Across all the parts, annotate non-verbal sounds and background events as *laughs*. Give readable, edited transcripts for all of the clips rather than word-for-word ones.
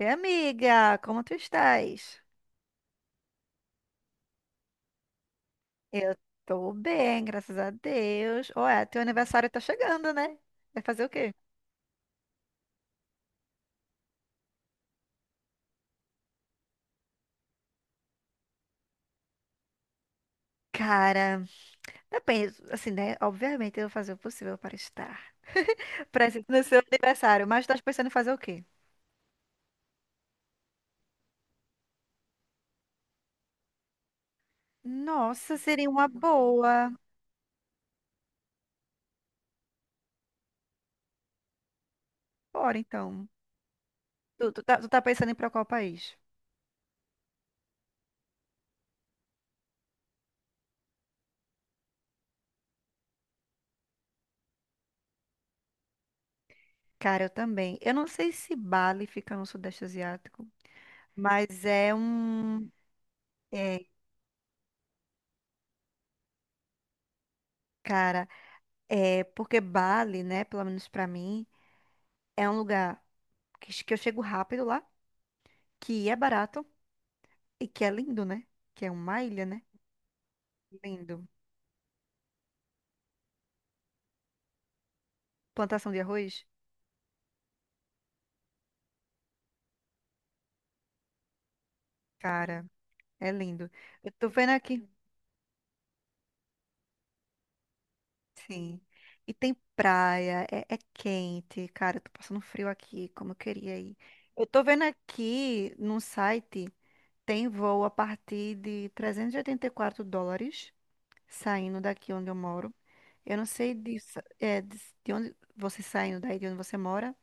Oi, amiga, como tu estás? Eu tô bem, graças a Deus. Ué, teu aniversário tá chegando, né? Vai fazer o quê? Cara, depende, assim, né? Obviamente eu vou fazer o possível para estar presente no seu aniversário, mas estás pensando em fazer o quê? Nossa, seria uma boa. Bora, então. Tu tá pensando em ir pra qual país? Cara, eu também. Eu não sei se Bali fica no Sudeste Asiático, mas é um. É, cara. É, porque Bali, né, pelo menos pra mim, é um lugar que, que eu chego rápido lá, que é barato e que é lindo, né? Que é uma ilha, né? Lindo. Plantação de arroz? Cara, é lindo. Eu tô vendo aqui. Sim. E tem praia, é, é quente. Cara, eu tô passando frio aqui, como eu queria ir. Eu tô vendo aqui num site, tem voo a partir de 384 dólares, saindo daqui onde eu moro. Eu não sei disso, é, de onde você saindo daí, de onde você mora,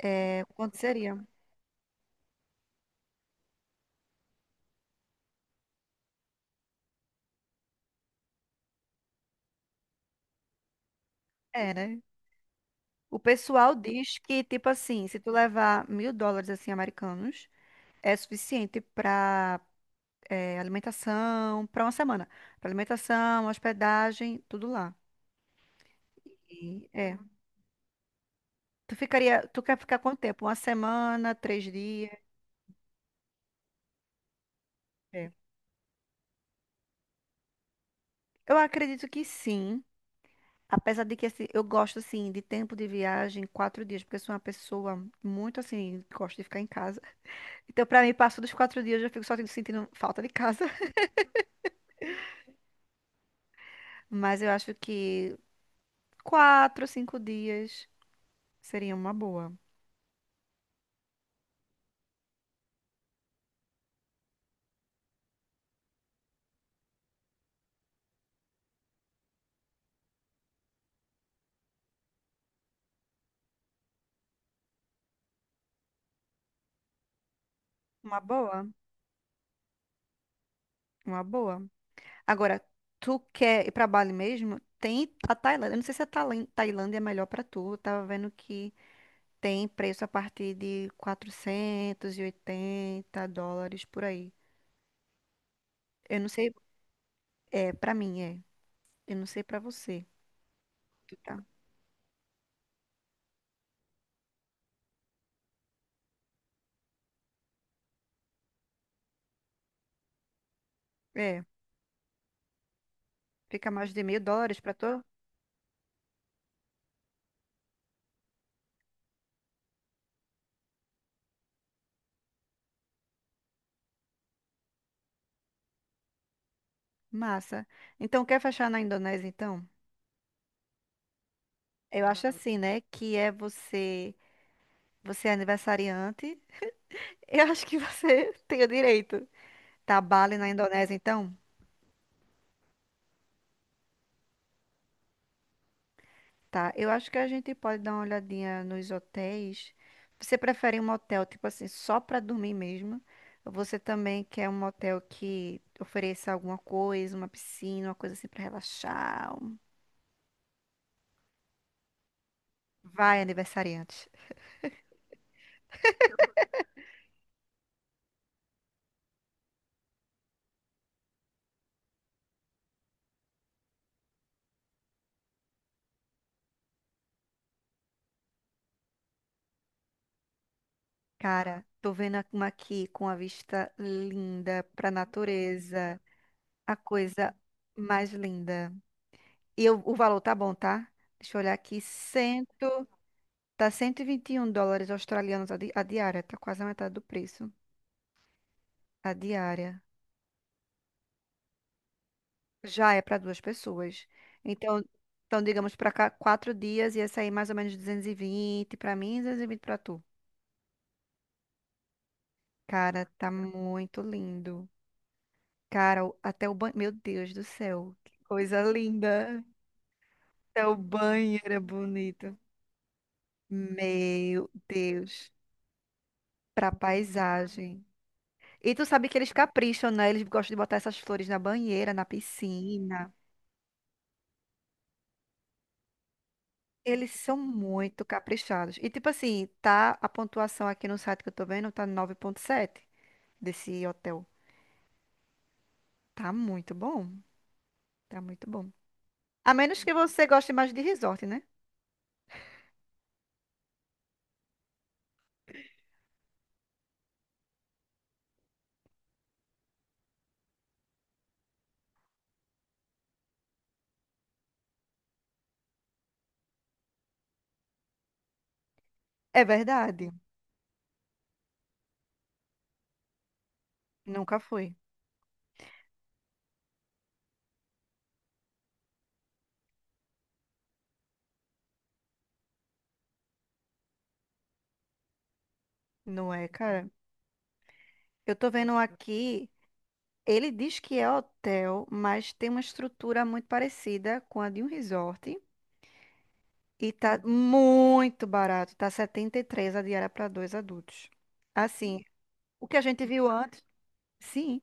é, quanto seria? É, né? O pessoal diz que, tipo assim, se tu levar 1.000 dólares, assim, americanos, é suficiente pra alimentação, pra uma semana. Pra alimentação, hospedagem, tudo lá. E, é. Tu ficaria, tu quer ficar quanto tempo? Uma semana, 3 dias? É. Eu acredito que sim. Apesar de que assim, eu gosto assim de tempo de viagem, 4 dias, porque eu sou uma pessoa muito assim, gosto de ficar em casa. Então, pra mim, passo dos 4 dias, eu fico só sentindo falta de casa. *laughs* Mas eu acho que 4, 5 dias seria uma boa. Uma boa, uma boa. Agora, tu quer ir pra Bali mesmo? Tem a Tailândia. Eu não sei se a Tailândia é melhor pra tu. Eu tava vendo que tem preço a partir de 480 dólares por aí. Eu não sei, é, pra mim é. Eu não sei pra você, tá? É, fica mais de 1.000 dólares pra tu? Massa. Então, quer fechar na Indonésia, então? Eu acho assim, né? Que é você, você é aniversariante. *laughs* Eu acho que você *laughs* tem o direito. Tá, Bali na Indonésia, então? Tá. Eu acho que a gente pode dar uma olhadinha nos hotéis. Você prefere um hotel, tipo assim, só pra dormir mesmo? Ou você também quer um hotel que ofereça alguma coisa, uma piscina, uma coisa assim pra relaxar? Vai, aniversariante. Cara, tô vendo uma aqui com a vista linda pra natureza. A coisa mais linda. E o valor tá bom, tá? Deixa eu olhar aqui. Cento, tá 121 dólares australianos a diária. Tá quase a metade do preço. A diária. Já é para duas pessoas. Então, então digamos para cá, 4 dias ia sair mais ou menos 220 para mim e 220 para tu. Cara, tá muito lindo. Cara, até o banho. Meu Deus do céu, que coisa linda. Até o banheiro é bonito. Meu Deus. Pra paisagem. E tu sabe que eles capricham, né? Eles gostam de botar essas flores na banheira, na piscina. Eles são muito caprichados. E tipo assim, tá a pontuação aqui no site que eu tô vendo, tá 9,7 desse hotel. Tá muito bom. Tá muito bom. A menos que você goste mais de resort, né? É verdade. Nunca fui. Não é, cara? Eu tô vendo aqui. Ele diz que é hotel, mas tem uma estrutura muito parecida com a de um resort. E tá muito barato, tá 73 a diária para dois adultos. Assim, o que a gente viu antes, sim,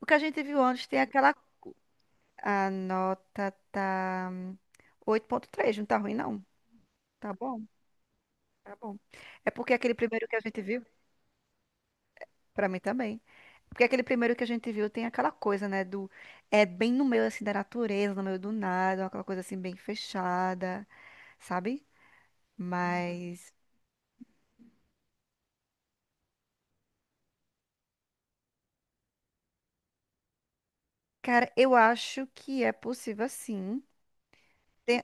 o que a gente viu antes tem aquela. A nota tá 8,3, não tá ruim, não. Tá bom, tá bom. É porque aquele primeiro que a gente viu, pra mim também. Porque aquele primeiro que a gente viu tem aquela coisa, né, do. É bem no meio, assim, da natureza, no meio do nada, aquela coisa, assim, bem fechada. Sabe? Uhum. Mas, cara, eu acho que é possível sim. Tem-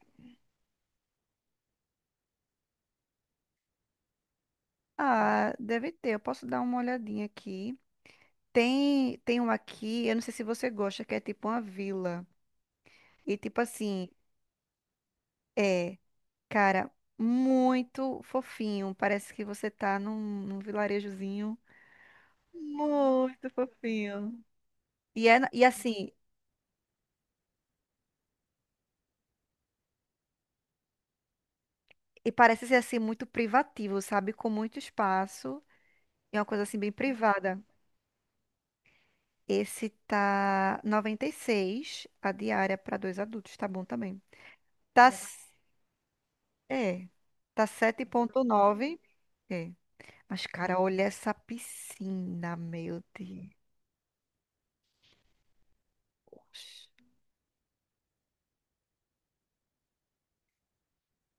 Ah, deve ter. Eu posso dar uma olhadinha aqui. Tem, tem um aqui, eu não sei se você gosta, que é tipo uma vila. E tipo assim, é, cara, muito fofinho. Parece que você tá num vilarejozinho muito fofinho. E, é, e assim, e parece ser assim muito privativo, sabe? Com muito espaço. É uma coisa assim bem privada. Esse tá 96 a diária para dois adultos, tá bom também. Tá, Tá. É, tá 7,9. É. Mas, cara, olha essa piscina, meu Deus.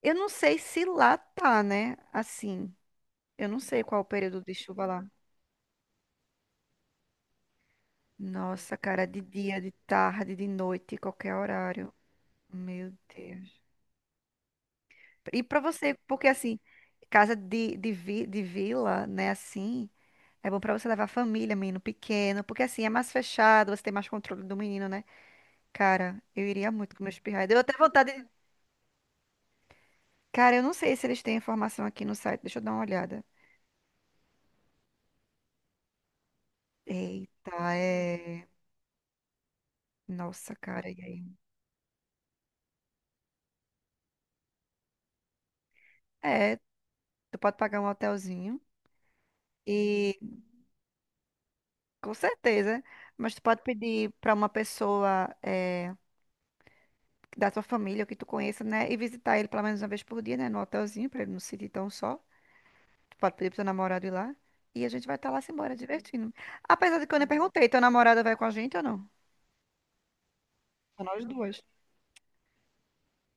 Eu não sei se lá tá, né? Assim, eu não sei qual é o período de chuva lá. Nossa, cara, de dia, de tarde, de noite, qualquer horário. Meu Deus. E pra você, porque assim, casa de vila, né? Assim. É bom pra você levar a família, menino pequeno, porque assim é mais fechado, você tem mais controle do menino, né? Cara, eu iria muito com meus pirraias. Deu até vontade de... Cara, eu não sei se eles têm informação aqui no site. Deixa eu dar uma olhada. Eita, é. Nossa, cara, e aí? É, tu pode pagar um hotelzinho e com certeza, mas tu pode pedir pra uma pessoa é, da tua família ou que tu conheça, né? E visitar ele pelo menos uma vez por dia, né? No hotelzinho, pra ele não se sentir tão só. Pode pedir pro seu namorado ir lá. E a gente vai estar lá se embora, divertindo. Apesar de que eu nem perguntei, teu namorado vai com a gente ou não? Só nós duas.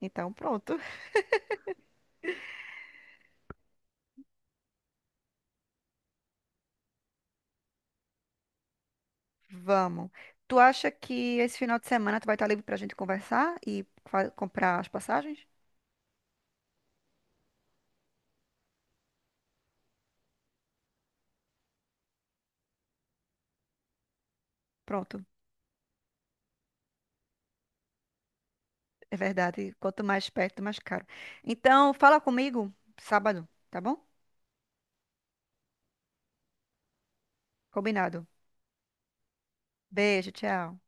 Então, pronto. Vamos. Tu acha que esse final de semana tu vai estar livre pra gente conversar e comprar as passagens? Pronto. É verdade. Quanto mais perto, mais caro. Então, fala comigo sábado, tá bom? Combinado. Beijo, tchau.